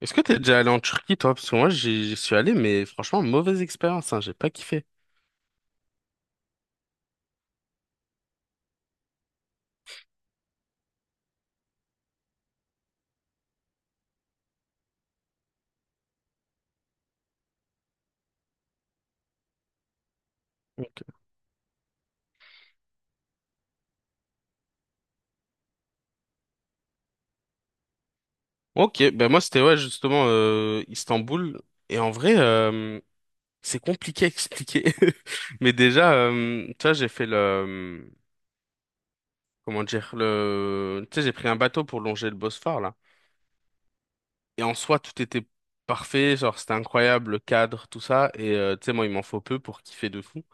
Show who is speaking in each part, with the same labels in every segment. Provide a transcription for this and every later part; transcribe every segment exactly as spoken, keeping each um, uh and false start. Speaker 1: Est-ce que t'es déjà allé en Turquie, toi? Parce que moi, j'y j'y suis allé, mais franchement, mauvaise expérience, hein, j'ai pas kiffé. Ok. Ok, ben moi, c'était, ouais, justement, euh, Istanbul. Et en vrai, euh, c'est compliqué à expliquer. Mais déjà, euh, tu vois, j'ai fait le... Comment dire? Le... Tu sais, j'ai pris un bateau pour longer le Bosphore, là. Et en soi, tout était parfait, genre, c'était incroyable, le cadre, tout ça. Et, euh, tu sais, moi, il m'en faut peu pour kiffer de fou.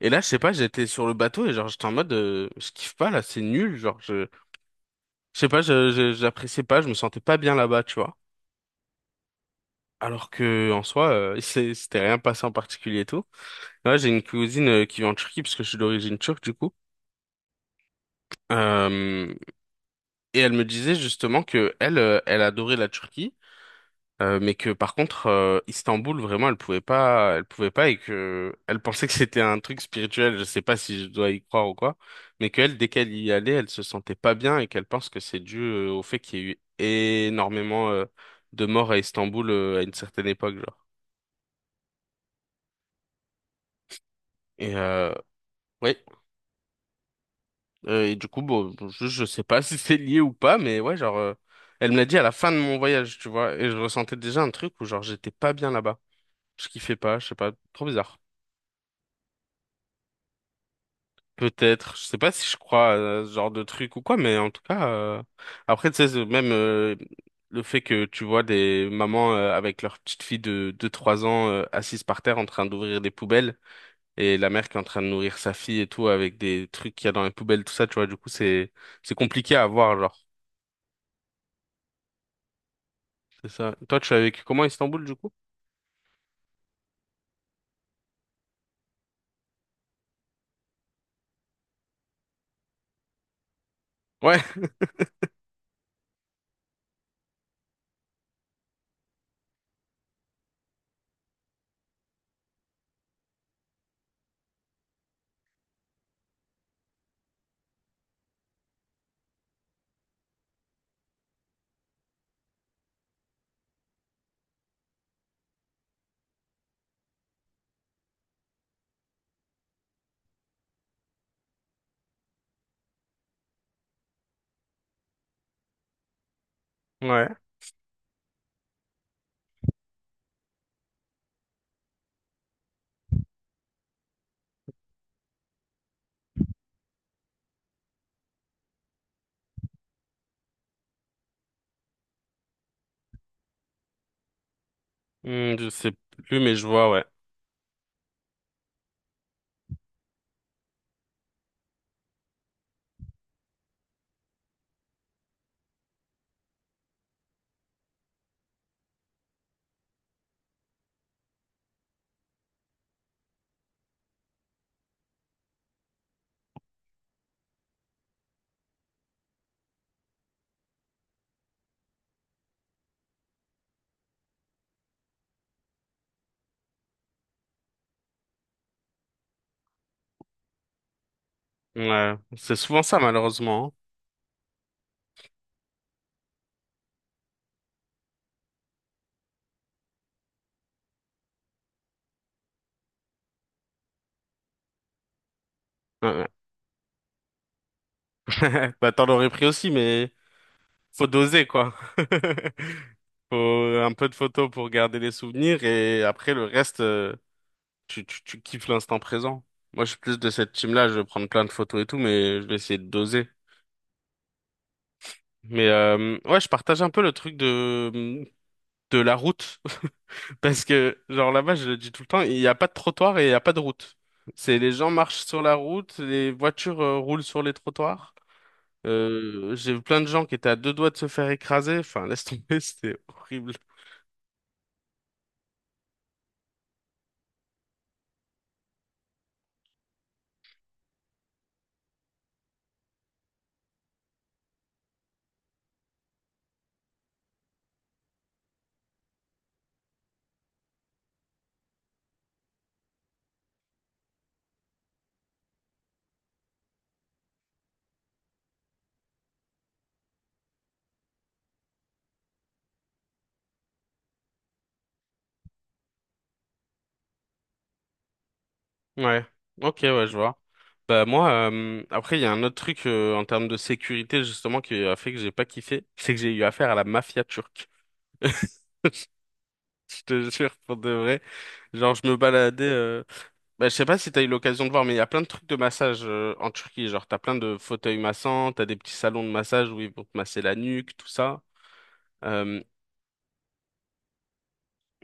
Speaker 1: Et là, je sais pas, j'étais sur le bateau et genre, j'étais en mode, euh, je kiffe pas, là, c'est nul, genre, je sais pas, je, je- j'appréciais pas, je me sentais pas bien là-bas, tu vois. Alors que en soi, euh, c'est- c'était rien passé en particulier et tout. Là, j'ai une cousine euh, qui vit en Turquie parce que je suis d'origine turque du coup. Euh, et elle me disait justement que elle, euh, elle adorait la Turquie. Euh, mais que par contre euh, Istanbul vraiment elle pouvait pas elle pouvait pas, et que elle pensait que c'était un truc spirituel, je sais pas si je dois y croire ou quoi, mais qu'elle dès qu'elle y allait elle se sentait pas bien, et qu'elle pense que c'est dû euh, au fait qu'il y a eu énormément euh, de morts à Istanbul euh, à une certaine époque, genre, et euh, ouais. Euh, et du coup bon je, je sais pas si c'est lié ou pas, mais ouais, genre euh, elle me l'a dit à la fin de mon voyage, tu vois, et je ressentais déjà un truc où genre j'étais pas bien là-bas, je kiffais pas, je sais pas, trop bizarre. Peut-être, je sais pas si je crois à ce genre de truc ou quoi, mais en tout cas, euh, après, tu sais, ce- même euh, le fait que tu vois des mamans euh, avec leur petite fille de, de trois ans euh, assise par terre en train d'ouvrir des poubelles, et la mère qui est en train de nourrir sa fille et tout avec des trucs qu'il y a dans les poubelles, tout ça, tu vois, du coup, c'est c'est compliqué à voir, genre. C'est ça. Toi, tu as vécu comment à Istanbul, du coup? Ouais, ouais. Hmm, je sais plus, mais je vois, ouais. Ouais, c'est souvent ça, malheureusement. Hein. Ouais, ouais. Bah, t'en aurais pris aussi, mais... Faut doser, quoi. Faut un peu de photos pour garder les souvenirs, et après le reste, euh, tu, tu, tu kiffes l'instant présent. Moi, je suis plus de cette team-là, je vais prendre plein de photos et tout, mais je vais essayer de doser. Mais euh, ouais, je partage un peu le truc de, de la route. Parce que, genre là-bas, je le dis tout le temps, il n'y a pas de trottoir et il n'y a pas de route. C'est les gens marchent sur la route, les voitures euh, roulent sur les trottoirs. Euh, j'ai vu plein de gens qui étaient à deux doigts de se faire écraser. Enfin, laisse tomber, c'était horrible. Ouais, ok, ouais, je vois. Bah moi, euh, après, il y a un autre truc euh, en termes de sécurité justement qui a fait que j'ai pas kiffé, c'est que j'ai eu affaire à la mafia turque. Je te jure, pour de vrai. Genre, je me baladais. euh, Bah, je sais pas si t'as eu l'occasion de voir, mais il y a plein de trucs de massage euh, en Turquie. Genre, t'as plein de fauteuils massants, t'as des petits salons de massage où ils vont te masser la nuque, tout ça. Euh,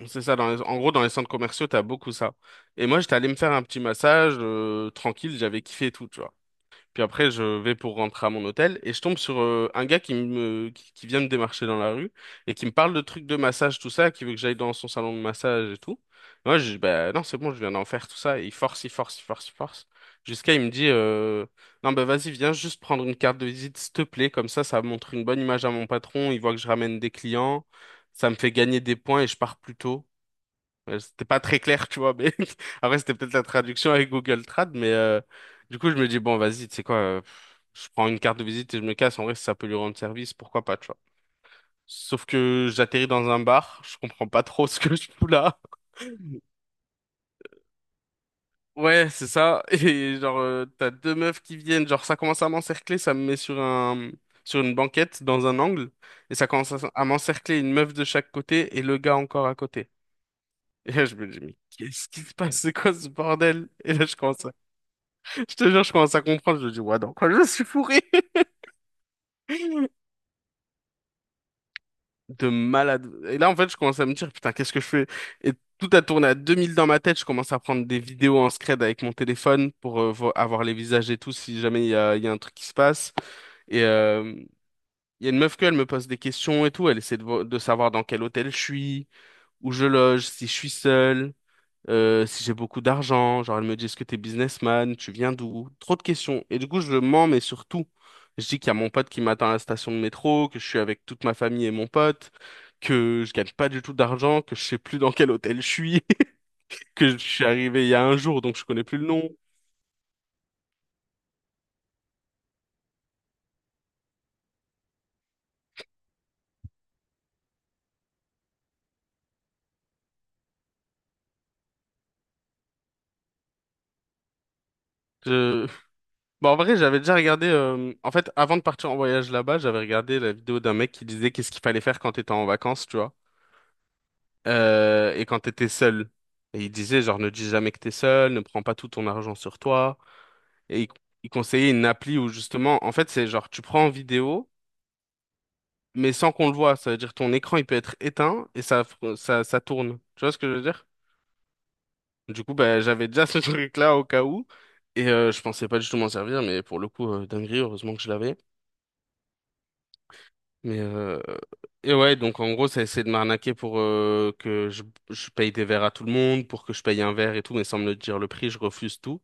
Speaker 1: c'est ça, dans les- en gros, dans les centres commerciaux, t'as beaucoup ça. Et moi, j'étais allé me faire un petit massage euh, tranquille, j'avais kiffé et tout, tu vois. Puis après, je vais pour rentrer à mon hôtel et je tombe sur euh, un gars qui me qui, qui vient me démarcher dans la rue, et qui me parle de trucs de massage, tout ça, qui veut que j'aille dans son salon de massage et tout. Moi, je dis, bah non, c'est bon, je viens d'en faire, tout ça. Et il force, il force, il force, il force. Jusqu'à il me dit, euh, non, bah vas-y, viens juste prendre une carte de visite, s'il te plaît. Comme ça, ça montre une bonne image à mon patron. Il voit que je ramène des clients. Ça me fait gagner des points et je pars plus tôt. Euh, C'était pas très clair, tu vois, mais après, c'était peut-être la traduction avec Google Trad, mais euh, du coup, je me dis, bon, vas-y, tu sais quoi, euh, je prends une carte de visite et je me casse. En vrai, si ça peut lui rendre service, pourquoi pas, tu vois. Sauf que j'atterris dans un bar, je comprends pas trop ce que je fous là. Ouais, c'est ça. Et genre, euh, t'as deux meufs qui viennent, genre, ça commence à m'encercler, ça me met sur un, sur une banquette dans un angle, et ça commence à, à m'encercler, une meuf de chaque côté et le gars encore à côté. Et là, je me dis, mais qu'est-ce qui se passe? C'est quoi ce bordel? Et là, je commence. Je te jure, je commence à comprendre. Je me dis, ouais, dans quoi je suis fourré? De malade. Et là, en fait, je commence à me dire, putain, qu'est-ce que je fais? Et tout a tourné à deux mille dans ma tête. Je commence à prendre des vidéos en scred avec mon téléphone pour euh, vo- avoir les visages et tout, si jamais il y a, il y a un truc qui se passe. Et euh, il y a une meuf que, elle me pose des questions et tout. Elle essaie de, vo- de savoir dans quel hôtel je suis, où je loge, si je suis seul. euh, si j'ai beaucoup d'argent, genre elle me dit, est-ce que t'es businessman, tu viens d'où? Trop de questions. Et du coup, je mens, mais surtout, je dis qu'il y a mon pote qui m'attend à la station de métro, que je suis avec toute ma famille et mon pote, que je gagne pas du tout d'argent, que je sais plus dans quel hôtel je suis, que je suis arrivé il y a un jour, donc je connais plus le nom. Je- Bon, en vrai, j'avais déjà regardé. euh, En fait, avant de partir en voyage là-bas, j'avais regardé la vidéo d'un mec qui disait qu'est-ce qu'il fallait faire quand t'étais en vacances, tu vois. euh, et quand t'étais seul. Et il disait, genre, ne dis jamais que t'es seul, ne prends pas tout ton argent sur toi. Et il, il conseillait une appli où, justement, en fait, c'est genre, tu prends en vidéo, mais sans qu'on le voit. Ça veut dire, ton écran, il peut être éteint, et ça, fr- ça, ça tourne. Tu vois ce que je veux dire? Du coup, bah, j'avais déjà ce truc-là au cas où. Et euh, je pensais pas du tout m'en servir, mais pour le coup, euh, dinguerie, heureusement que je l'avais. Mais euh... et ouais, donc en gros, ça essaie de m'arnaquer pour euh, que je, je paye des verres à tout le monde, pour que je paye un verre et tout, mais sans me le dire le prix, je refuse tout.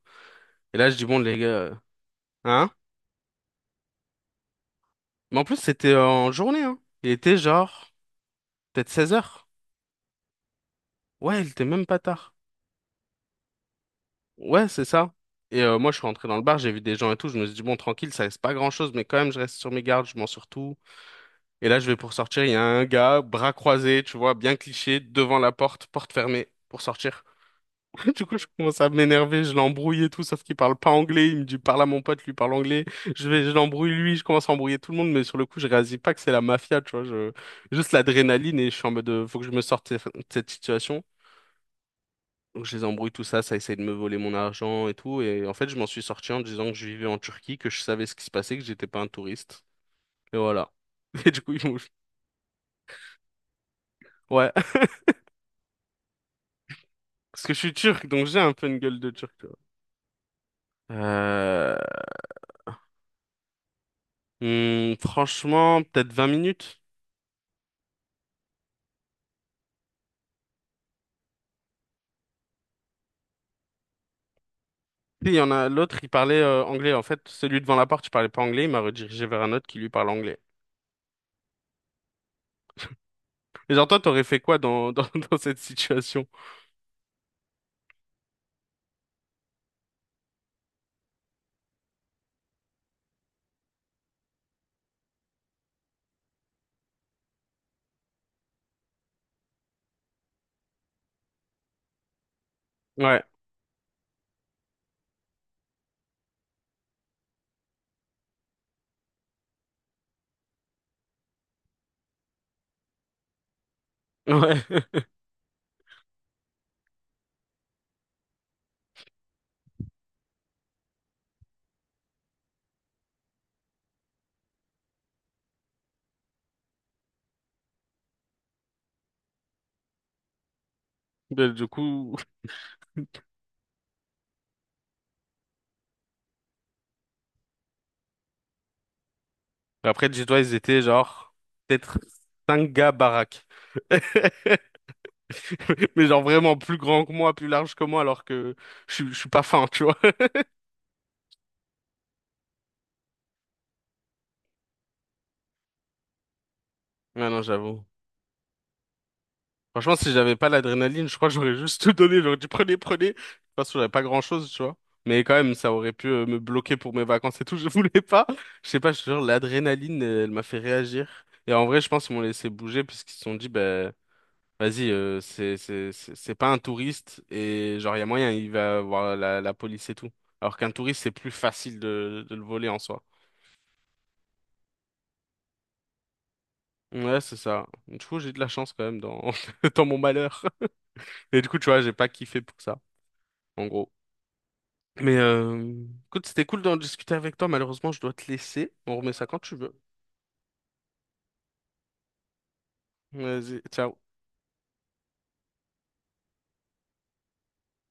Speaker 1: Et là, je dis, bon, les gars, euh, hein? Mais en plus, c'était en journée, hein. Il était genre, peut-être seize heures. Ouais, il était même pas tard. Ouais, c'est ça. Et euh, moi, je suis rentré dans le bar, j'ai vu des gens et tout, je me suis dit, bon, tranquille, ça reste pas grand-chose, mais quand même, je reste sur mes gardes, je m'en sur tout. Et là, je vais pour sortir, il y a un gars, bras croisés, tu vois, bien cliché, devant la porte, porte fermée, pour sortir. Du coup, je commence à m'énerver, je l'embrouille et tout, sauf qu'il parle pas anglais. Il me dit, parle à mon pote, lui parle anglais. Je vais, je l'embrouille lui, je commence à embrouiller tout le monde, mais sur le coup, je réalise pas que c'est la mafia, tu vois. Je, juste l'adrénaline, et je suis en mode, euh, faut que je me sorte de cette situation. Donc, je les embrouille tout ça, ça essaye de me voler mon argent et tout. Et en fait, je m'en suis sorti en disant que je vivais en Turquie, que je savais ce qui se passait, que j'étais pas un touriste. Et voilà. Et du coup, ils m'ont... Ouais. Parce que je suis turc, donc j'ai un peu une gueule de turc, tu vois. Euh... hmm, franchement, peut-être vingt minutes. Si, il y en a l'autre, il parlait euh, anglais. En fait, celui devant la porte, il parlait pas anglais. Il m'a redirigé vers un autre qui lui parle anglais. Et genre, toi, t'aurais fait quoi dans, dans, dans cette situation? Ouais, ouais. Ben, du coup, après, dis-toi, ils étaient genre peut-être cinq gars baraques. Mais genre vraiment plus grand que moi, plus large que moi, alors que je, suis- je suis pas fin, tu vois. Ouais, non, j'avoue. Franchement, si j'avais pas l'adrénaline, je crois que j'aurais juste tout donné. J'aurais dit prenez, prenez. De toute façon, j'avais pas grand-chose, tu vois. Mais quand même, ça aurait pu euh, me bloquer pour mes vacances et tout. Je voulais pas. Je sais pas, je te jure, l'adrénaline, euh, elle m'a fait réagir. Et en vrai, je pense qu'ils m'ont laissé bouger parce qu'ils se sont dit, ben, vas-y, euh, c'est, c'est, c'est c'est pas un touriste, et genre, il y a moyen, il va voir la, la police et tout. Alors qu'un touriste, c'est plus facile de, de le voler en soi. Ouais, c'est ça. Du coup, j'ai de la chance quand même dans, dans mon malheur. Et du coup, tu vois, j'ai pas kiffé pour ça, en gros. Mais euh, écoute, c'était cool d'en discuter avec toi. Malheureusement, je dois te laisser. On remet ça quand tu veux. Vas-y, ciao.